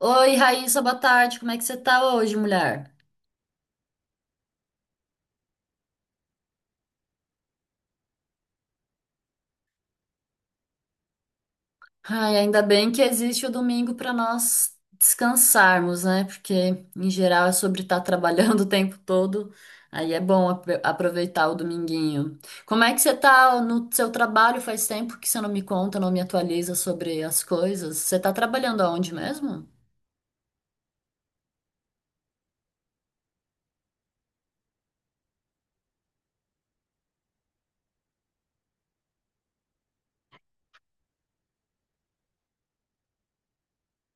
Oi, Raíssa, boa tarde. Como é que você tá hoje, mulher? Ai, ainda bem que existe o domingo para nós descansarmos, né? Porque em geral é sobre estar trabalhando o tempo todo. Aí é bom aproveitar o dominguinho. Como é que você tá no seu trabalho? Faz tempo que você não me conta, não me atualiza sobre as coisas. Você tá trabalhando aonde mesmo?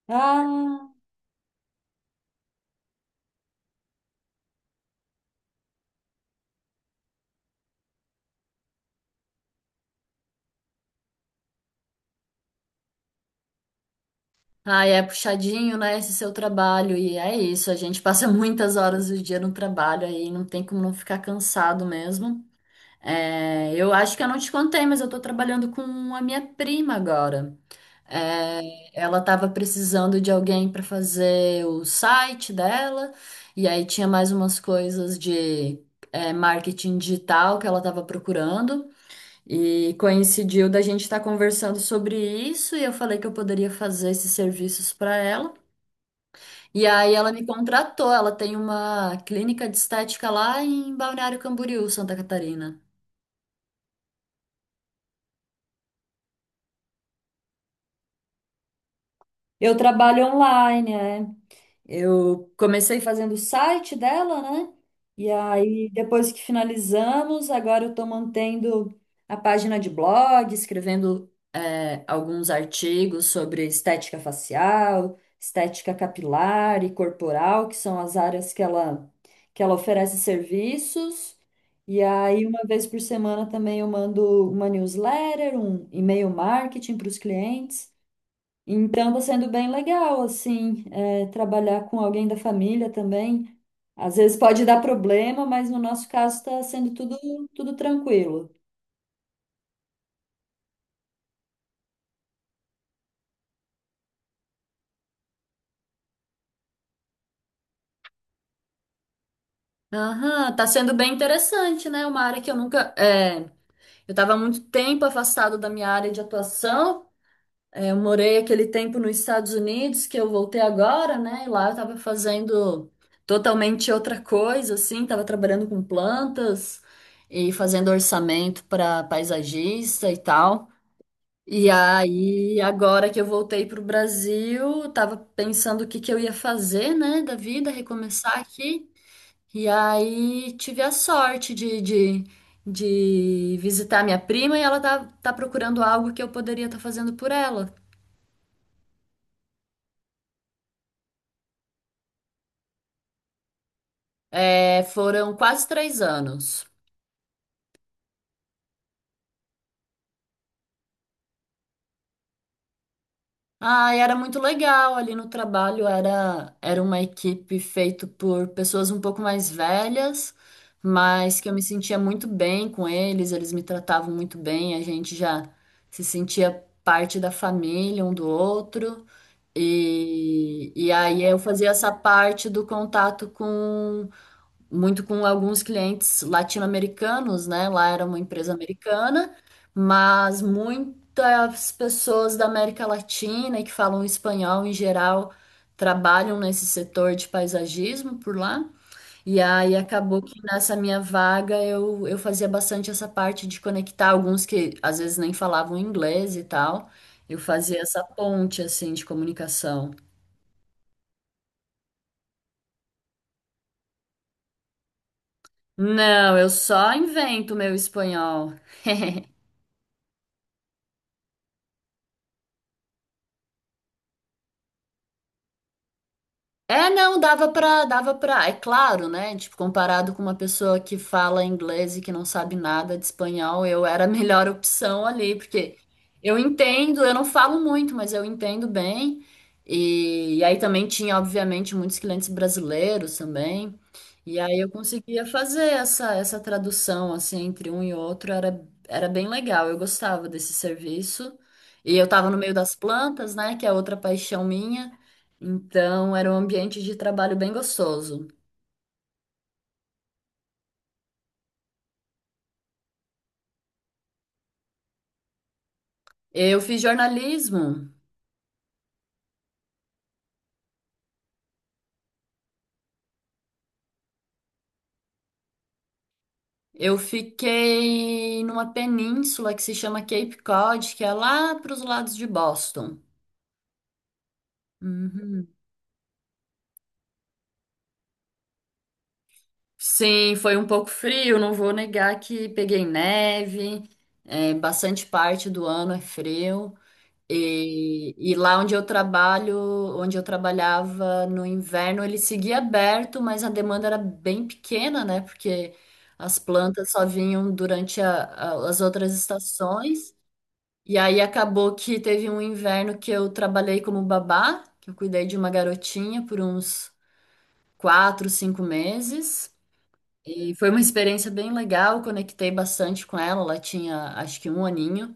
Ah. Ai, é puxadinho, né, esse seu trabalho, e é isso, a gente passa muitas horas do dia no trabalho aí, não tem como não ficar cansado mesmo. É, eu acho que eu não te contei, mas eu tô trabalhando com a minha prima agora. É, ela tava precisando de alguém para fazer o site dela, e aí tinha mais umas coisas de é, marketing digital que ela tava procurando, e coincidiu da gente estar conversando sobre isso, e eu falei que eu poderia fazer esses serviços para ela. E aí ela me contratou, ela tem uma clínica de estética lá em Balneário Camboriú, Santa Catarina. Eu trabalho online, é. Eu comecei fazendo o site dela, né? E aí, depois que finalizamos, agora eu estou mantendo a página de blog, escrevendo é, alguns artigos sobre estética facial, estética capilar e corporal, que são as áreas que ela oferece serviços. E aí, uma vez por semana também eu mando uma newsletter, um e-mail marketing para os clientes. Então, está sendo bem legal, assim, é, trabalhar com alguém da família também. Às vezes pode dar problema, mas no nosso caso está sendo tudo, tudo tranquilo. Aham, tá sendo bem interessante, né? Uma área que eu nunca. É, eu tava há muito tempo afastado da minha área de atuação. É, eu morei aquele tempo nos Estados Unidos, que eu voltei agora, né? E lá eu estava fazendo totalmente outra coisa, assim, estava trabalhando com plantas e fazendo orçamento para paisagista e tal. E aí, agora que eu voltei para o Brasil, eu tava pensando o que que eu ia fazer, né, da vida, recomeçar aqui. E aí tive a sorte de visitar minha prima e ela tá procurando algo que eu poderia estar fazendo por ela. É, foram quase 3 anos. Ah, e era muito legal ali no trabalho. Era uma equipe feita por pessoas um pouco mais velhas, mas que eu me sentia muito bem com eles. Eles me tratavam muito bem. A gente já se sentia parte da família um do outro. E aí eu fazia essa parte do contato com muito com alguns clientes latino-americanos, né? Lá era uma empresa americana, mas muitas pessoas da América Latina e que falam espanhol em geral trabalham nesse setor de paisagismo por lá. E aí acabou que nessa minha vaga eu fazia bastante essa parte de conectar alguns que às vezes nem falavam inglês e tal. Eu fazia essa ponte assim de comunicação. Não, eu só invento meu espanhol. É, não, dava pra, é claro, né? Tipo, comparado com uma pessoa que fala inglês e que não sabe nada de espanhol, eu era a melhor opção ali, porque eu entendo, eu não falo muito, mas eu entendo bem. E aí também tinha, obviamente, muitos clientes brasileiros também. E aí eu conseguia fazer essa, essa tradução, assim, entre um e outro, era, era bem legal, eu gostava desse serviço. E eu tava no meio das plantas, né? Que é outra paixão minha. Então, era um ambiente de trabalho bem gostoso. Eu fiz jornalismo. Eu fiquei numa península que se chama Cape Cod, que é lá para os lados de Boston. Uhum. Sim, foi um pouco frio, não vou negar que peguei neve, é, bastante parte do ano é frio. E lá onde eu trabalho, onde eu trabalhava no inverno, ele seguia aberto, mas a demanda era bem pequena, né? Porque as plantas só vinham durante as outras estações. E aí acabou que teve um inverno que eu trabalhei como babá, que eu cuidei de uma garotinha por uns 4, 5 meses. E foi uma experiência bem legal, conectei bastante com ela, ela tinha acho que um aninho.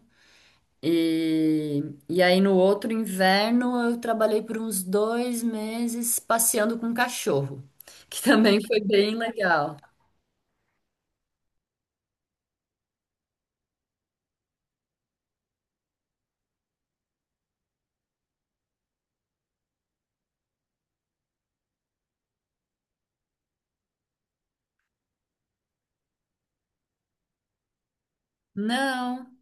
E, e aí no outro inverno eu trabalhei por uns 2 meses passeando com um cachorro, que também foi bem legal. Não.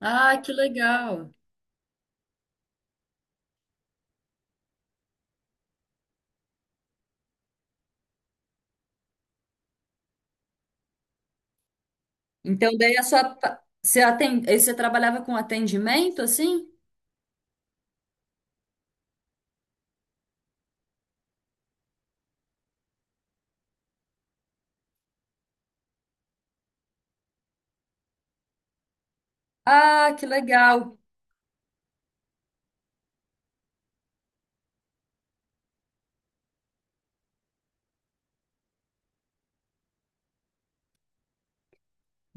Ah, que legal. Então daí a sua você aí você trabalhava com atendimento assim? Ah, que legal.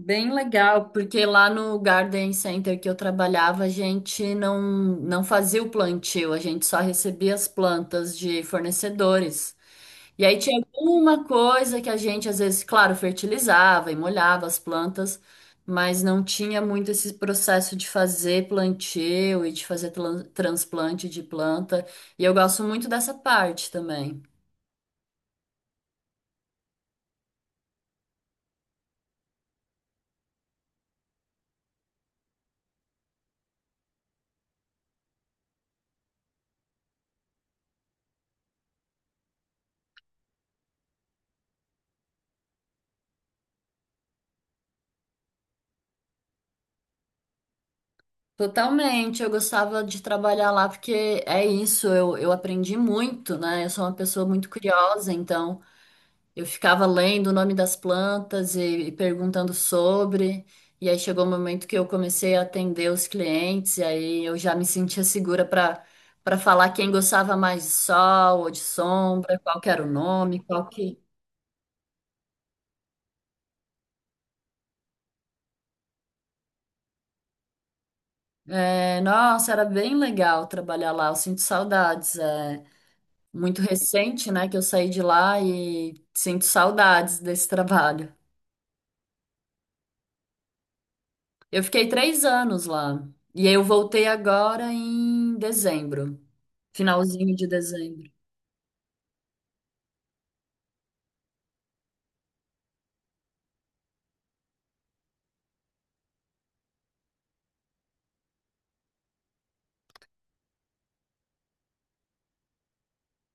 Bem legal, porque lá no Garden Center que eu trabalhava, a gente não fazia o plantio, a gente só recebia as plantas de fornecedores. E aí tinha alguma coisa que a gente, às vezes, claro, fertilizava e molhava as plantas, mas não tinha muito esse processo de fazer plantio e de fazer transplante de planta. E eu gosto muito dessa parte também. Totalmente, eu gostava de trabalhar lá porque é isso, eu aprendi muito, né? Eu sou uma pessoa muito curiosa, então. Eu ficava lendo o nome das plantas e perguntando sobre, e aí chegou o momento que eu comecei a atender os clientes, e aí eu já me sentia segura para falar quem gostava mais de sol ou de sombra, qual que era o nome, qual que... É, nossa, era bem legal trabalhar lá, eu sinto saudades. É muito recente, né, que eu saí de lá e sinto saudades desse trabalho. Eu fiquei 3 anos lá, e aí eu voltei agora em dezembro. Finalzinho de dezembro.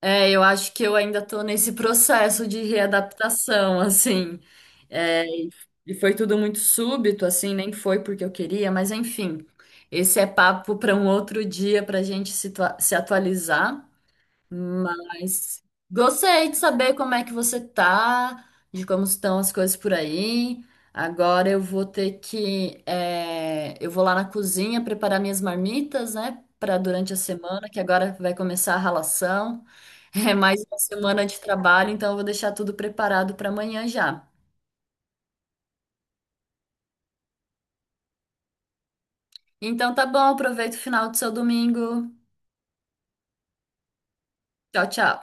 É, eu acho que eu ainda tô nesse processo de readaptação, assim. É, e foi tudo muito súbito, assim, nem foi porque eu queria, mas enfim. Esse é papo para um outro dia para a gente se, se atualizar. Mas gostei de saber como é que você tá, de como estão as coisas por aí. Agora eu vou ter que, eu vou lá na cozinha preparar minhas marmitas, né, para durante a semana, que agora vai começar a ralação. É mais uma semana de trabalho, então eu vou deixar tudo preparado para amanhã já. Então tá bom, aproveita o final do seu domingo. Tchau, tchau.